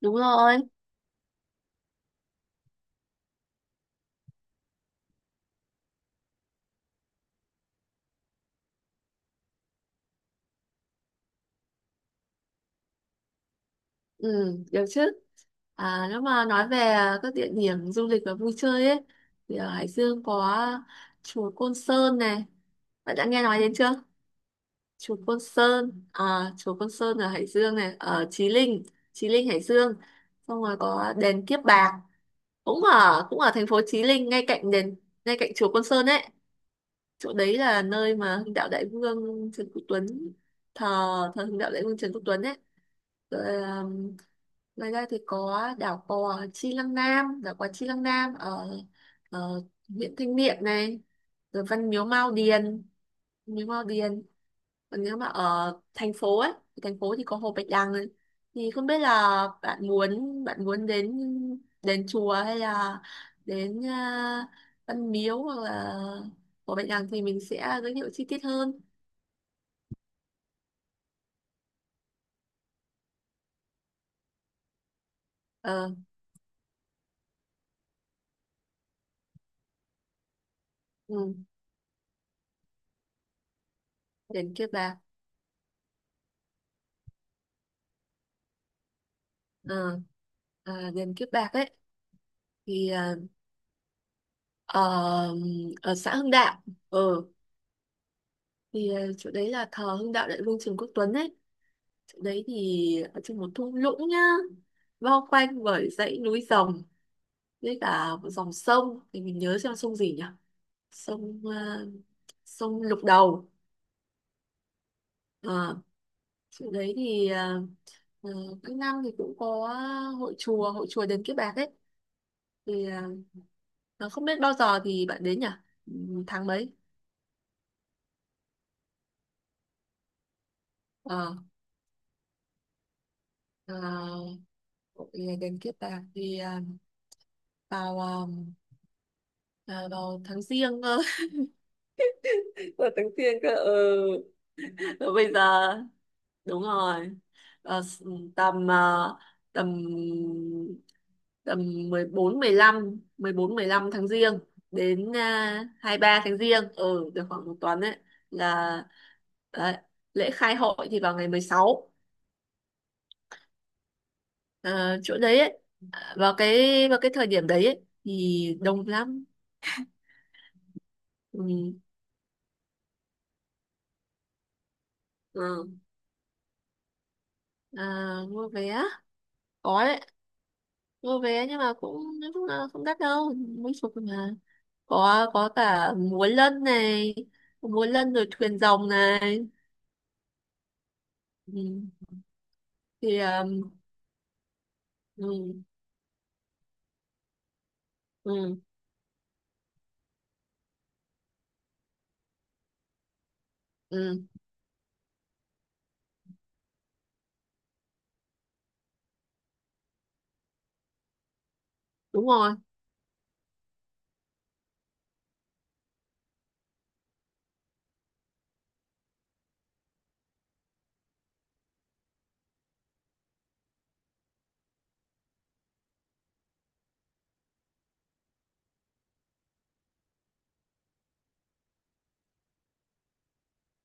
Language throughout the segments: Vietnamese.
Đúng rồi, ừ, được chứ. À, nếu mà nói về các địa điểm du lịch và vui chơi ấy, thì ở Hải Dương có chùa Côn Sơn này. Bạn đã nghe nói đến chưa? Chùa Côn Sơn ở Hải Dương này, ở Chí Linh, Chí Linh Hải Dương. Xong rồi có đền Kiếp Bạc, cũng ở thành phố Chí Linh, ngay cạnh chùa Côn Sơn ấy. Chỗ đấy là nơi mà Hưng Đạo Đại Vương Trần Quốc Tuấn thờ, Hưng Đạo Đại Vương Trần Quốc Tuấn ấy. Ờ, Ngoài ra thì có đảo cò Chi Lăng Nam ở, ở huyện Thanh Miện này, rồi Văn Miếu Mao Điền, Miếu Mao Điền còn nếu mà ở thành phố thì có Hồ Bạch Đằng ấy. Thì không biết là bạn muốn đến đền chùa hay là đến Văn Miếu hoặc là Hồ Bạch Đằng thì mình sẽ giới thiệu chi tiết hơn. Ờ ừ, đền Kiếp Bạc ờ à, đền Kiếp Bạc ấy thì Ờ, ở xã Hưng Đạo. ừ thì chỗ đấy là thờ Hưng Đạo Đại Vương Trần Quốc Tuấn ấy. Chỗ đấy thì ở trong một thung lũng nhá, bao quanh bởi dãy núi rồng với cả một dòng sông. Thì mình nhớ xem sông gì nhỉ? Sông ờ, sông Lục Đầu. Ờ, chỗ đấy thì ờ, ờ, Các năm thì cũng có hội chùa đền Kiếp Bạc ấy. Thì ờ, không biết bao giờ thì bạn đến nhỉ? Ừ, tháng mấy? Ờ, ờ, hội đền Kiếp Bạc thì vào à, vào tháng riêng cơ. Vào tháng riêng cơ, ừ. Rồi bây giờ, đúng rồi. Ờ, s- tầm à, tầm tầm mười bốn mười lăm tháng giêng đến 23 tháng giêng, ừ, được khoảng một tuần đấy. Là đấy, lễ khai hội thì vào ngày 16. Ờ, Chỗ đấy ấy, vào cái vào cái thời điểm đấy ấy, thì đông lắm, ừ, ừ. À, mua vé có đấy. Mua vé Nhưng mà cũng nói chung là không đắt đâu, mấy chục thôi mà. Có cả múa lân này, múa lân rồi thuyền rồng này, ừ. thì Ừ, ừ, ừ, đúng rồi.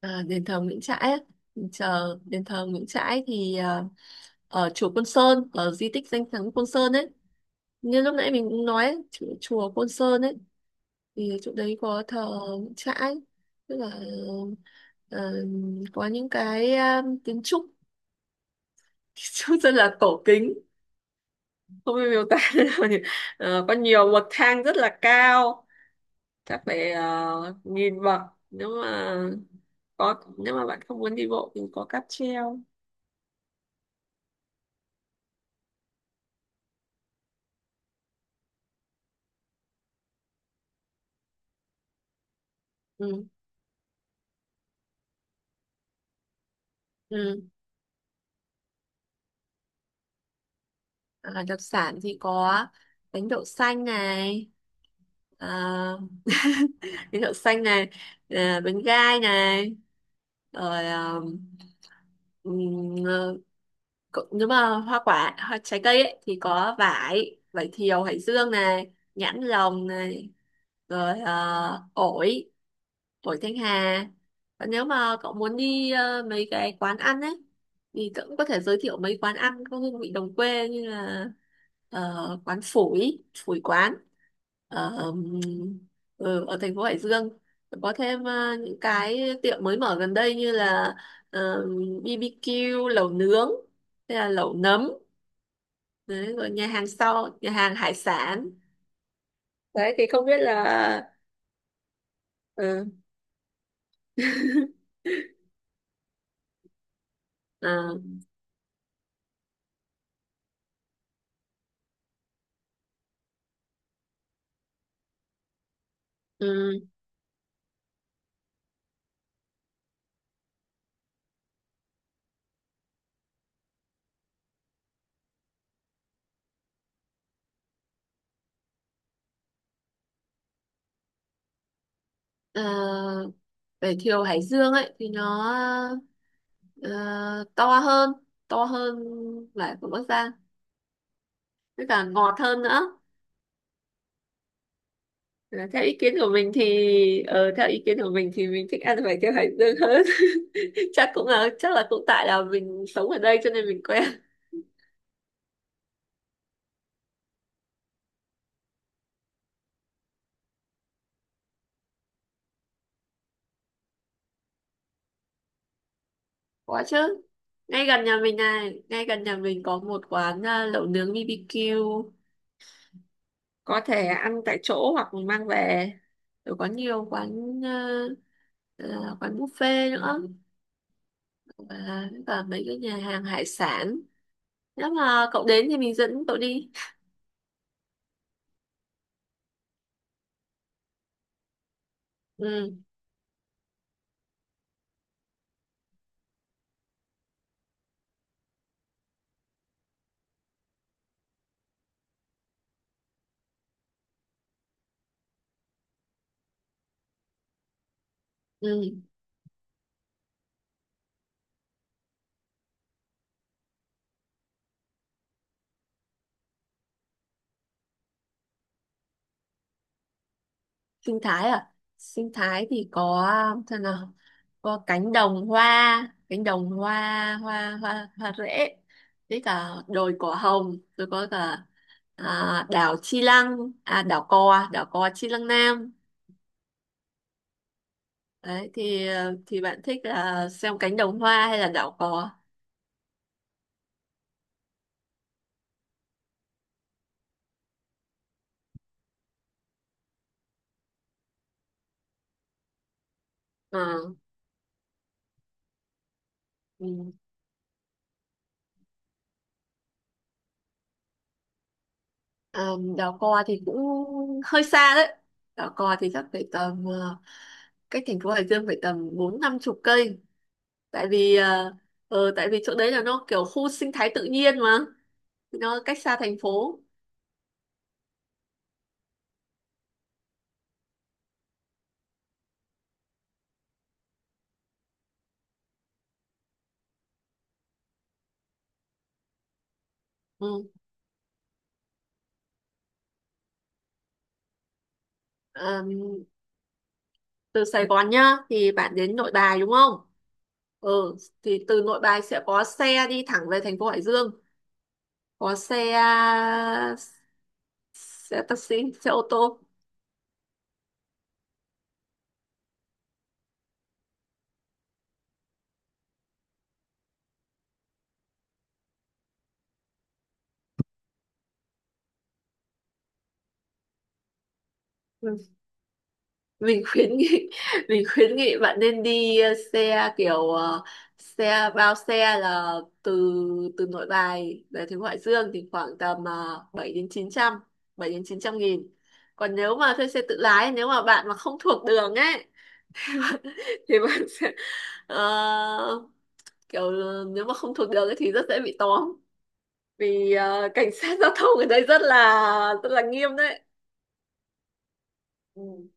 À, đền thờ Nguyễn Trãi á. Mình chờ đền thờ Nguyễn Trãi thì ở chùa Côn Sơn, ở di tích danh thắng Côn Sơn ấy, như lúc nãy mình cũng nói ấy, chùa Côn Sơn ấy, thì chỗ đấy có thờ Nguyễn Trãi. Tức là ờ, có những cái kiến trúc trông rất là cổ kính. Không biết miêu tả thế nào nhỉ? Có nhiều bậc thang rất là cao, chắc phải nghìn bậc. Nếu mà có nếu mà bạn không muốn đi bộ thì có cáp treo, ừ, ừ. À, đặc sản thì có bánh đậu xanh này, à, bánh đậu xanh này à, bánh gai này, rồi à, ừm, Cậu- nếu mà hoa quả hoa trái cây ấy thì có vải vải thiều hải dương này, nhãn lồng này, rồi ổi Tuổi thanh hà. Và nếu mà cậu muốn đi mấy cái quán ăn ấy thì cậu cũng có thể giới thiệu mấy quán ăn có hương vị đồng quê, như là ờ, quán phủi phủi quán ở ở thành phố Hải Dương, có thêm những cái tiệm mới mở gần đây như là ờ, BBQ, lẩu nướng, hay là lẩu nấm đấy. Rồi nhà hàng hải sản đấy. Thì không biết là, ừ, à, ừ. Ờ, vải thiều Hải Dương ấy thì nó ờ, to hơn, to hơn vải của Bắc Giang, với cả ngọt hơn nữa. Là theo ý kiến của mình thì mình thích ăn vải thiều Hải Dương hơn. Chắc là cũng tại là mình sống ở đây cho nên mình quen. Có chứ, ngay gần nhà mình có một quán lẩu nướng BBQ, có thể ăn tại chỗ hoặc mình mang về. Rồi có nhiều quán à, quán buffet nữa, và mấy cái nhà hàng hải sản. Nếu mà cậu đến thì mình dẫn cậu đi, ừ, ừ. Sinh thái à? Sinh thái thì có, thế nào. Có cánh đồng hoa hoa hoa hoa rễ, với cả đồi cỏ hồng, rồi có cả đảo Cò Chi Lăng Nam. Đấy thì thì bạn thích là xem cánh đồng hoa hay là đảo Cò? Ờ, ừ. Ờ, đảo Cò thì cũng hơi xa đấy. Đảo Cò thì chắc phải tầm cách thành phố Hải Dương phải tầm 40-50 cây, tại vì tại vì chỗ đấy là nó kiểu khu sinh thái tự nhiên mà, nó cách xa thành phố, ừ. Ờm, từ Sài Gòn nhá thì bạn đến Nội Bài, đúng không? Ừ, thì từ Nội Bài sẽ có xe đi thẳng về thành phố Hải Dương, có xe, xe taxi, xe ô tô. Ừ. Mình khuyến nghị mình khuyến nghị bạn nên đi xe kiểu xe bao xe, là từ từ Nội Bài vềถึงHải Dương thì khoảng tầm 7 đến 900, 7 đến 900.000. Còn nếu mà thuê xe tự lái, nếu mà bạn mà không thuộc đường ấy thì bạn sẽ ờ, nếu mà không thuộc đường ấy thì rất dễ bị tóm, vì cảnh sát giao thông ở đây rất là nghiêm đấy, ừ,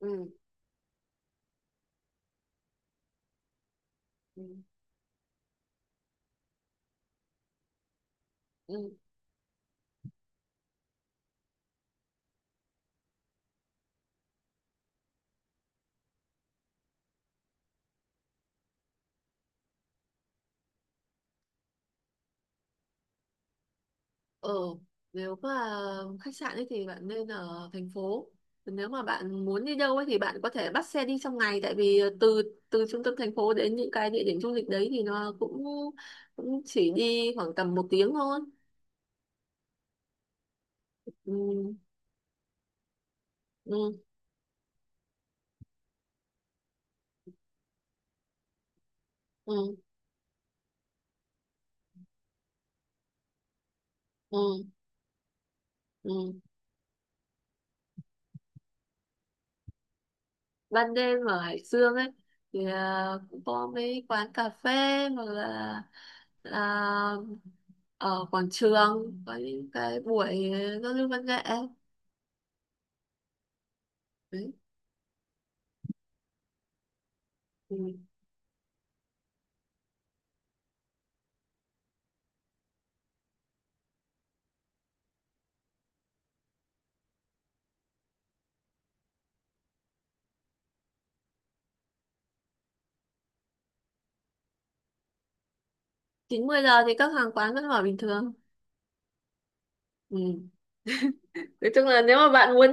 ừ, ừ, ừ. Ờ, nếu mà khách sạn ấy thì bạn nên ở thành phố. Còn nếu mà bạn muốn đi đâu ấy thì bạn có thể bắt xe đi trong ngày, tại vì từ từ trung tâm thành phố đến những cái địa điểm du lịch đấy thì nó cũng cũng chỉ đi khoảng tầm một tiếng thôi. Ừ, ừ, ừ, ừ, ừ. Ban đêm ở Hải Dương ấy thì cũng có mấy quán cà phê, hoặc là là ở quảng trường có những cái buổi giao lưu văn nghệ đấy. Ừ. 9 10 giờ thì các hàng quán vẫn mở bình thường. Ừ. Nói chung là nếu mà bạn muốn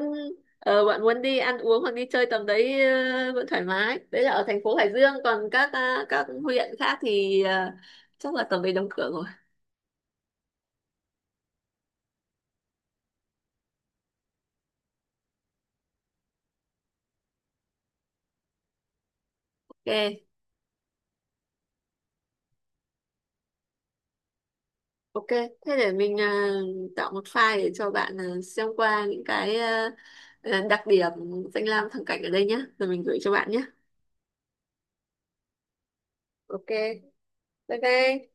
bạn muốn đi ăn uống hoặc đi chơi tầm đấy vẫn thoải mái. Đấy là ở thành phố Hải Dương, còn các các huyện khác thì chắc là tầm đấy đóng cửa rồi. Ok. Ok, thế để mình tạo một file để cho bạn xem qua những cái đặc điểm danh lam thắng cảnh ở đây nhé, rồi mình gửi cho bạn nhé. Ok, bye bye.